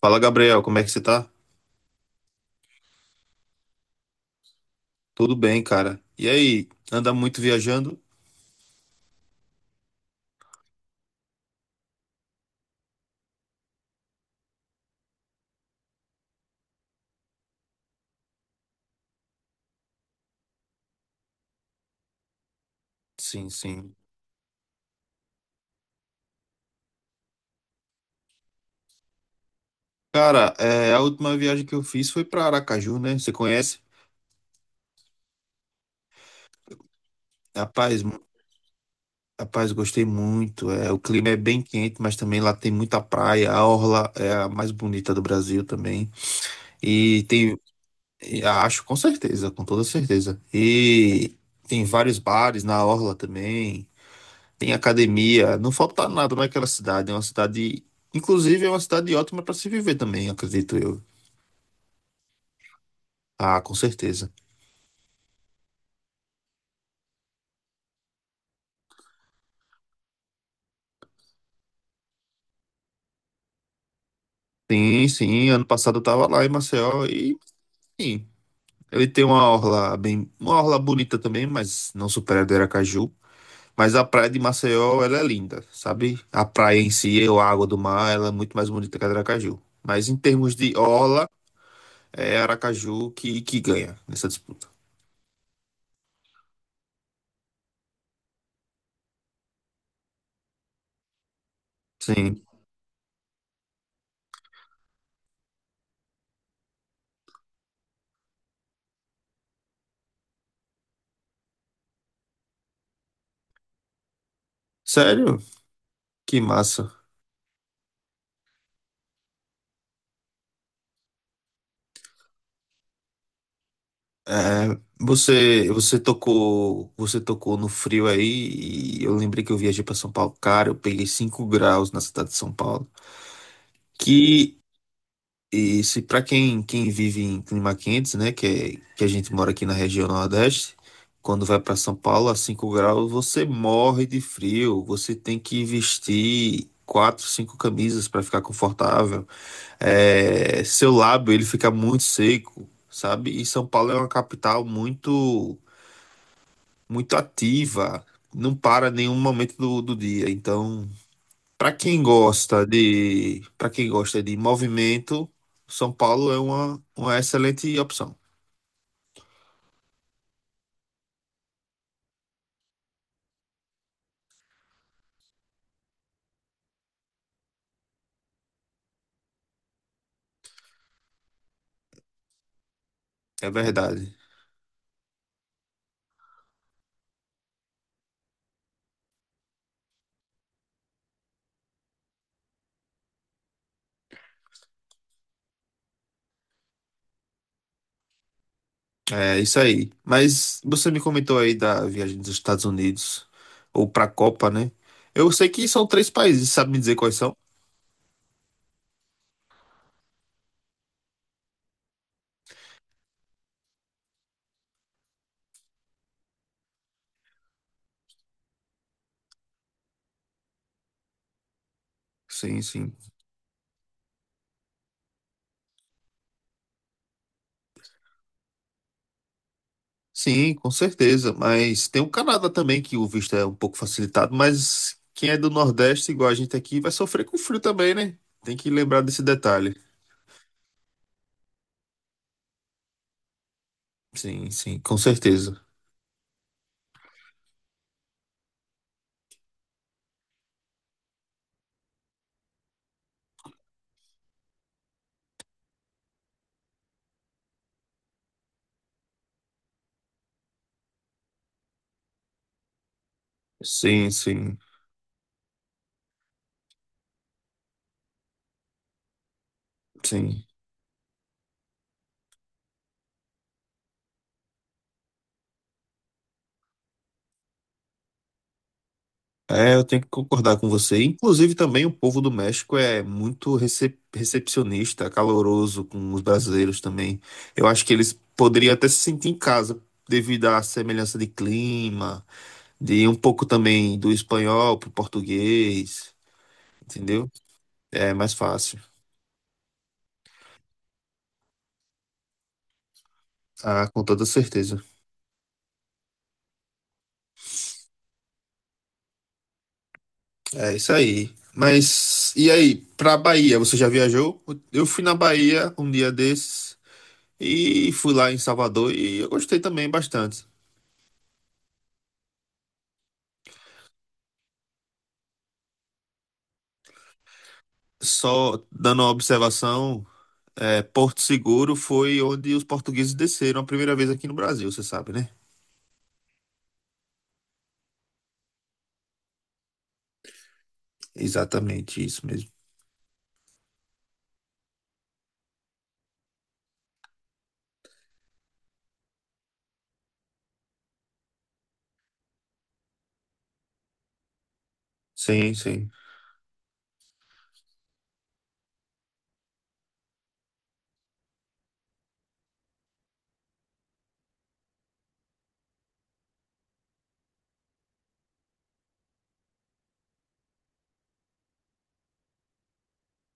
Fala, Gabriel, como é que você tá? Tudo bem, cara. E aí, anda muito viajando? Sim, sim. Cara, a última viagem que eu fiz foi pra Aracaju, né? Você conhece? Rapaz, rapaz, gostei muito. O clima é bem quente, mas também lá tem muita praia. A orla é a mais bonita do Brasil também. E tem, e acho com certeza, com toda certeza. E tem vários bares na orla também. Tem academia, não falta nada naquela cidade. Inclusive, é uma cidade ótima para se viver também, acredito eu. Ah, com certeza. Sim, sim. Ano passado eu tava lá em Maceió e, sim, ele tem uma orla bonita também, mas não supera a do Aracaju. Mas a praia de Maceió, ela é linda, sabe? A praia em si, ou a água do mar, ela é muito mais bonita que a do Aracaju. Mas em termos de orla, é Aracaju que ganha nessa disputa. Sim. Sério? Que massa. É, você tocou no frio aí, e eu lembrei que eu viajei para São Paulo, cara, eu peguei 5 graus na cidade de São Paulo. Que e se para quem, quem vive em clima quentes, né, que a gente mora aqui na região Nordeste, quando vai para São Paulo a 5 graus, você morre de frio, você tem que vestir quatro, cinco camisas para ficar confortável. É, seu lábio ele fica muito seco, sabe? E São Paulo é uma capital muito ativa, não para nenhum momento do dia. Então, para quem gosta de movimento, São Paulo é uma excelente opção. É verdade. É isso aí. Mas você me comentou aí da viagem dos Estados Unidos ou para a Copa, né? Eu sei que são três países, sabe me dizer quais são? Sim, sim. Sim, com certeza. Mas tem o Canadá também, que o visto é um pouco facilitado, mas quem é do Nordeste, igual a gente aqui, vai sofrer com frio também, né? Tem que lembrar desse detalhe. Sim, sim, com certeza. Sim, sim, sim. É, eu tenho que concordar com você. Inclusive, também o povo do México é muito recepcionista, caloroso com os brasileiros também. Eu acho que eles poderiam até se sentir em casa, devido à semelhança de clima, de um pouco também do espanhol pro português. Entendeu? É mais fácil. Ah, com toda certeza. É isso aí. Mas, e aí, pra Bahia, você já viajou? Eu fui na Bahia um dia desses e fui lá em Salvador e eu gostei também bastante. Só dando uma observação, é, Porto Seguro foi onde os portugueses desceram a primeira vez aqui no Brasil, você sabe, né? Exatamente isso mesmo. Sim, sim.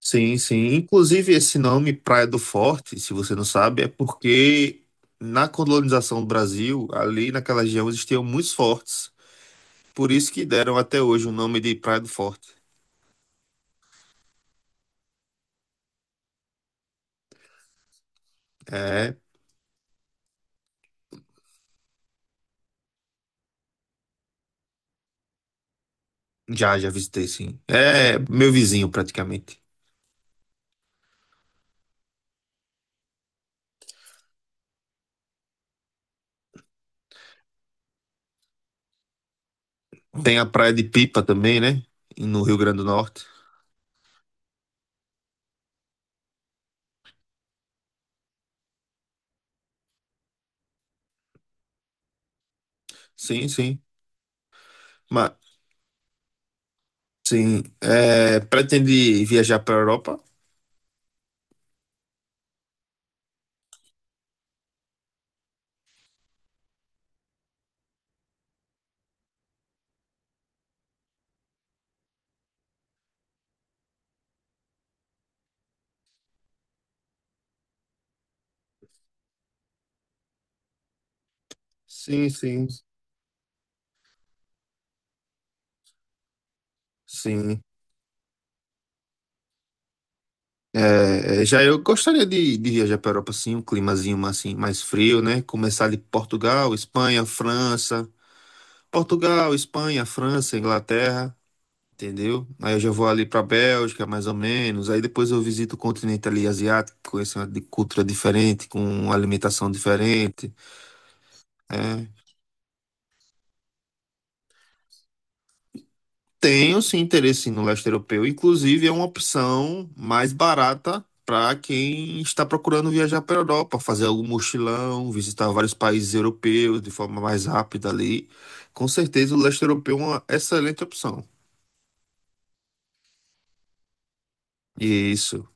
Sim, sim. Inclusive, esse nome, Praia do Forte, se você não sabe, é porque na colonização do Brasil, ali naquela região, existiam muitos fortes. Por isso que deram até hoje o nome de Praia do Forte. É, já, já visitei, sim. É meu vizinho, praticamente. Tem a Praia de Pipa também, né? No Rio Grande do Norte. Sim, sim. Mas, sim. É, pretende viajar para a Europa? Sim, sim. Sim. É, já eu gostaria de viajar para a Europa, sim, um climazinho mais, assim, mais frio, né? Começar de Portugal, Espanha, França. Portugal, Espanha, França, Inglaterra, entendeu? Aí eu já vou ali para Bélgica, mais ou menos. Aí depois eu visito o continente ali asiático, conhecer uma cultura diferente, com uma alimentação diferente. Né? Tenho sim interesse sim, no leste europeu. Inclusive, é uma opção mais barata para quem está procurando viajar para a Europa, fazer algum mochilão, visitar vários países europeus de forma mais rápida ali. Com certeza, o leste europeu é uma excelente opção. Isso,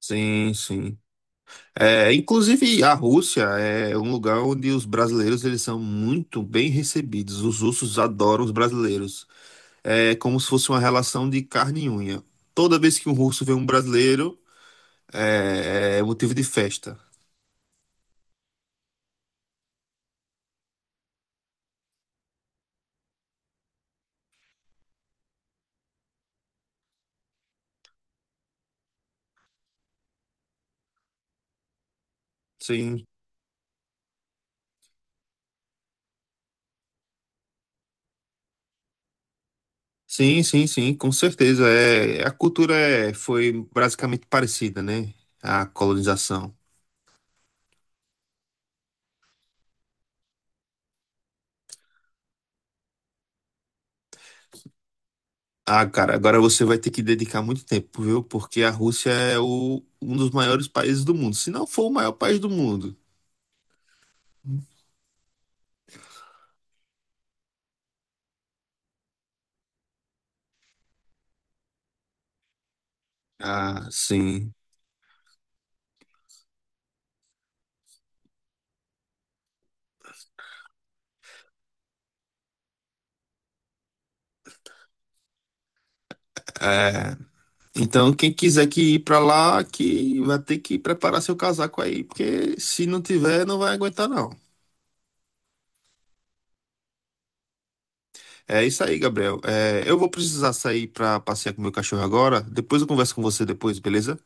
sim, sim. É, inclusive, a Rússia é um lugar onde os brasileiros eles são muito bem recebidos. Os russos adoram os brasileiros. É como se fosse uma relação de carne e unha. Toda vez que um russo vê um brasileiro, é, é motivo de festa. Sim, sim, sim, sim, com certeza. Foi basicamente parecida, né? A colonização. Ah, cara, agora você vai ter que dedicar muito tempo, viu? Porque a Rússia é o, um dos maiores países do mundo, se não for o maior país do mundo. Ah, sim. É, então, quem quiser que ir pra lá, que vai ter que preparar seu casaco aí, porque se não tiver, não vai aguentar, não. É isso aí, Gabriel. É, eu vou precisar sair para passear com meu cachorro agora. Depois eu converso com você depois, beleza?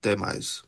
Até mais.